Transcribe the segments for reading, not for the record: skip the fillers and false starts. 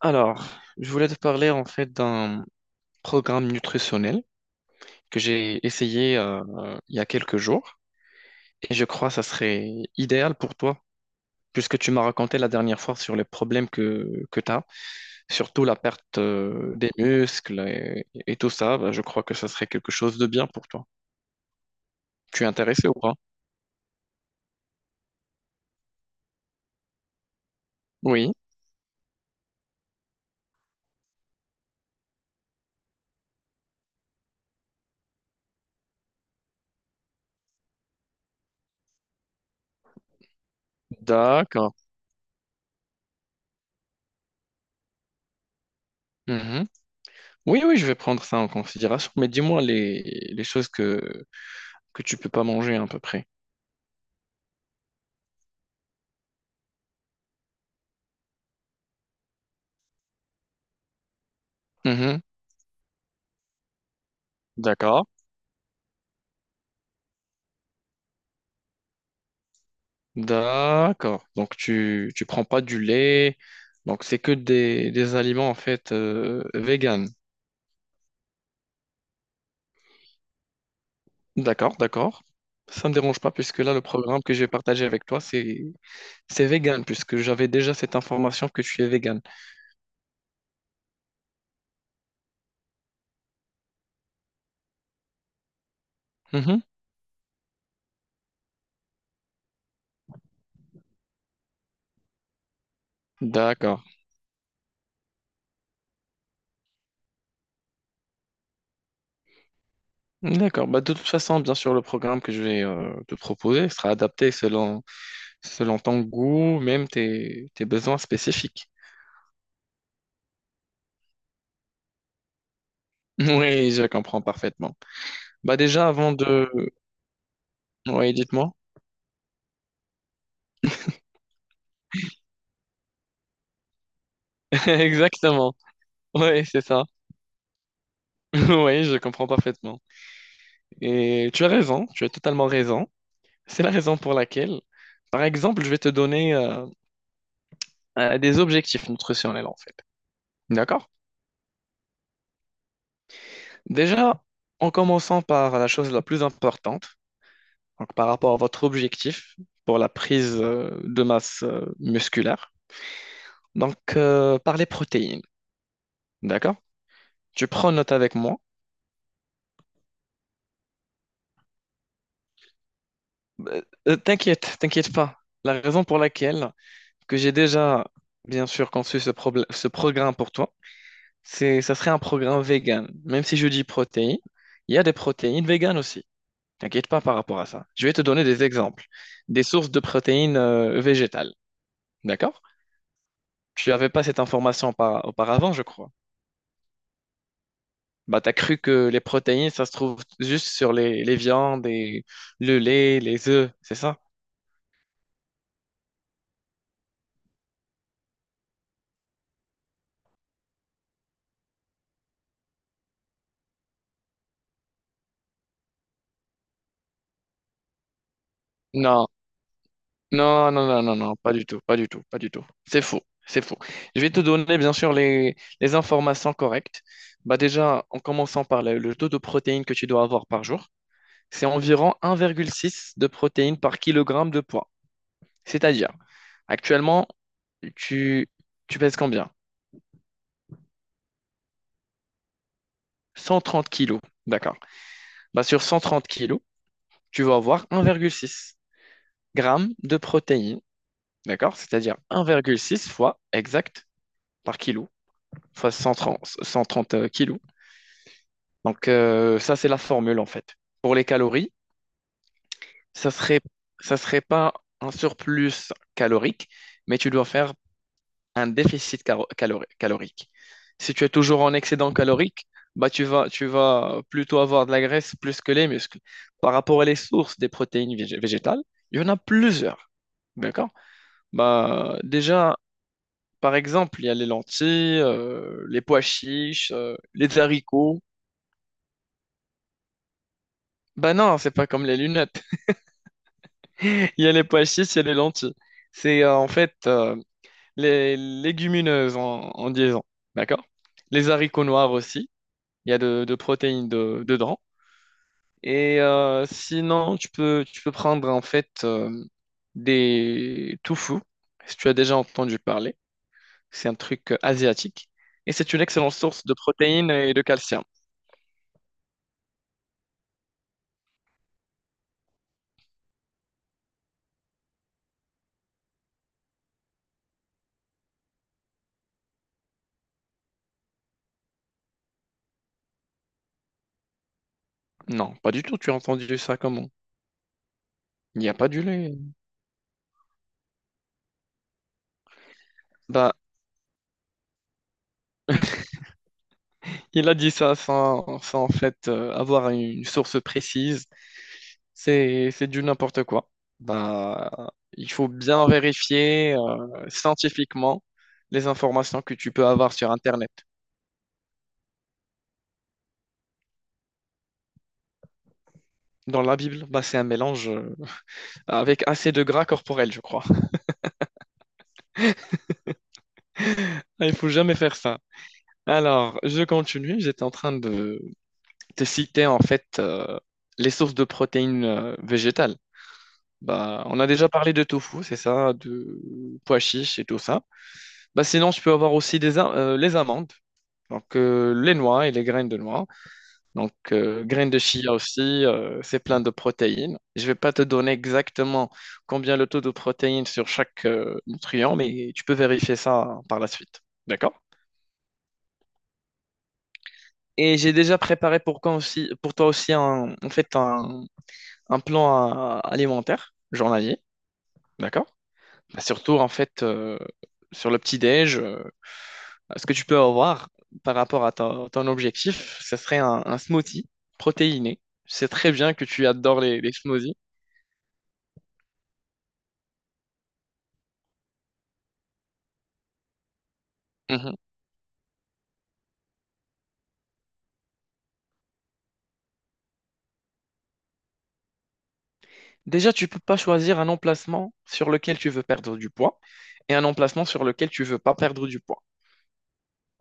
Alors, je voulais te parler en fait d'un programme nutritionnel que j'ai essayé il y a quelques jours et je crois que ça serait idéal pour toi puisque tu m'as raconté la dernière fois sur les problèmes que tu as, surtout la perte des muscles et tout ça. Bah, je crois que ça serait quelque chose de bien pour toi. Tu es intéressé ou pas? Oui, d'accord. Mhm. Oui, oui, je vais prendre ça en considération, mais dis-moi les choses que tu peux pas manger à peu près. Mhm. D'accord. D'accord. Donc tu prends pas du lait. Donc c'est que des aliments en fait vegan. D'accord, d'accord. Ça me dérange pas puisque là le programme que je vais partager avec toi c'est vegan puisque j'avais déjà cette information que tu es vegan. Mhm. D'accord. D'accord. Bah, de toute façon, bien sûr, le programme que je vais te proposer sera adapté selon ton goût, même tes besoins spécifiques. Oui, je comprends parfaitement. Bah déjà, avant de. Oui, dites-moi. Exactement. Ouais, c'est ça. Oui, je comprends parfaitement. Et tu as raison, tu as totalement raison. C'est la raison pour laquelle, par exemple, je vais te donner des objectifs nutritionnels en fait. D'accord? Déjà, en commençant par la chose la plus importante, donc par rapport à votre objectif pour la prise de masse musculaire, donc par les protéines. D'accord? Tu prends note avec moi. Euh, t'inquiète pas. La raison pour laquelle que j'ai déjà, bien sûr, conçu ce programme pour toi. Ça serait un programme vegan. Même si je dis protéines, il y a des protéines véganes aussi. T'inquiète pas par rapport à ça. Je vais te donner des exemples, des sources de protéines végétales. D'accord? Tu n'avais pas cette information auparavant, je crois. Bah, t'as cru que les protéines, ça se trouve juste sur les viandes et le lait, les œufs, c'est ça? Non, non, non, non, non, non, pas du tout, pas du tout, pas du tout. C'est faux, c'est faux. Je vais te donner, bien sûr, les informations correctes. Bah déjà, en commençant par le taux de protéines que tu dois avoir par jour, c'est environ 1,6 de protéines par kilogramme de poids. C'est-à-dire, actuellement, tu, tu pèses combien? 130 kilos, d'accord. Bah sur 130 kilos, tu vas avoir 1,6 grammes de protéines, d'accord? C'est-à-dire 1,6 fois exact par kilo. Enfin 130 kilos. Donc ça, c'est la formule en fait. Pour les calories, ça serait, ça serait pas un surplus calorique, mais tu dois faire un déficit calorique. Si tu es toujours en excédent calorique, bah tu vas plutôt avoir de la graisse plus que les muscles. Par rapport à les sources des protéines végétales, il y en a plusieurs. D'accord? Bah, déjà, par exemple, il y a les lentilles, les pois chiches, les haricots. Bah non, c'est pas comme les lunettes. Il y a les pois chiches, il y a les lentilles. C'est en fait les légumineuses en liaison, d'accord? Les haricots noirs aussi, il y a de protéines dedans. Et sinon, tu peux prendre en fait des tofu, si tu as déjà entendu parler. C'est un truc asiatique. Et c'est une excellente source de protéines et de calcium. Non, pas du tout, tu as entendu ça comment? Il n'y a pas du lait. Bah. Il a dit ça sans en fait avoir une source précise. C'est du n'importe quoi. Bah, il faut bien vérifier scientifiquement les informations que tu peux avoir sur Internet. Dans la Bible, bah, c'est un mélange avec assez de gras corporel, je crois. Il faut jamais faire ça. Alors, je continue. J'étais en train de te citer en fait les sources de protéines végétales. Bah, on a déjà parlé de tofu, c'est ça, de pois chiche et tout ça. Bah sinon, je peux avoir aussi les amandes, donc les noix et les graines de noix. Donc, graines de chia aussi, c'est plein de protéines. Je vais pas te donner exactement combien le taux de protéines sur chaque nutriment, mais tu peux vérifier ça par la suite. D'accord? Et j'ai déjà préparé pour, quand aussi, pour toi aussi en fait un plan alimentaire journalier. D'accord? Bah, surtout, en fait, sur le petit-déj. Ce que tu peux avoir par rapport à ton objectif, ce serait un smoothie protéiné. Je sais très bien que tu adores les smoothies. Mhm. Déjà, tu peux pas choisir un emplacement sur lequel tu veux perdre du poids et un emplacement sur lequel tu veux pas perdre du poids.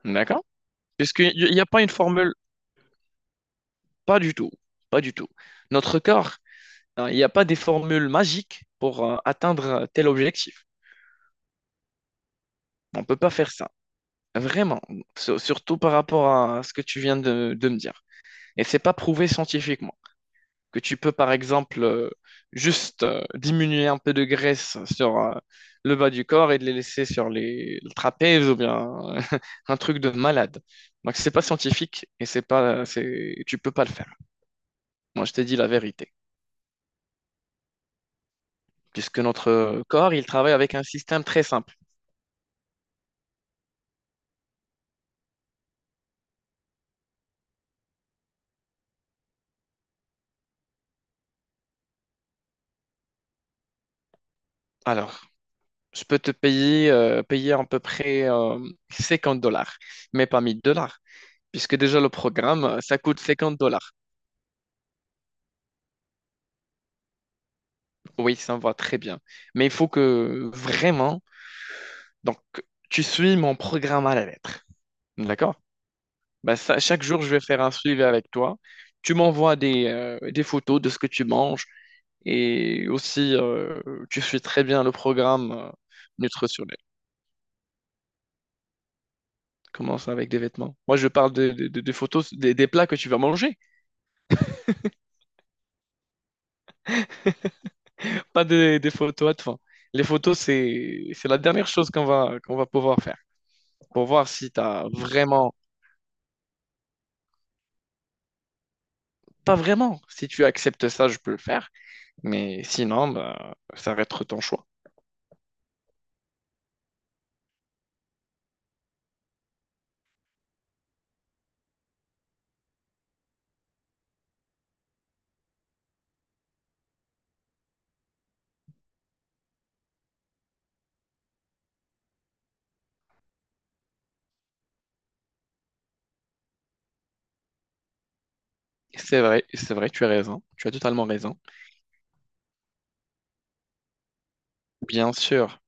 D'accord? Puisqu'il n'y a pas une formule, pas du tout, pas du tout. Notre corps, hein, il n'y a pas des formules magiques pour atteindre tel objectif. On ne peut pas faire ça. Vraiment, surtout par rapport à ce que tu viens de me dire. Et c'est pas prouvé scientifiquement, que tu peux par exemple juste diminuer un peu de graisse sur le bas du corps et de les laisser sur les le trapèze ou bien un truc de malade. Donc c'est pas scientifique et c'est pas c'est tu peux pas le faire. Moi, je t'ai dit la vérité puisque notre corps il travaille avec un système très simple. Alors, je peux te payer à peu près 50 $ mais pas 1000 dollars. Puisque déjà le programme, ça coûte 50 dollars. Oui, ça me va très bien. Mais il faut que vraiment. Donc, tu suis mon programme à la lettre. D'accord? Ben, ça, chaque jour, je vais faire un suivi avec toi. Tu m'envoies des photos de ce que tu manges et aussi, tu suis très bien le programme nutritionnel. Commence avec des vêtements. Moi, je parle des photos, des plats que tu vas manger, pas des photos à te faire. Les photos, c'est la dernière chose qu'on va pouvoir faire pour voir si tu as vraiment, pas vraiment, si tu acceptes ça, je peux le faire, mais sinon, ben, ça va être ton choix. C'est vrai, tu as raison, tu as totalement raison. Bien sûr,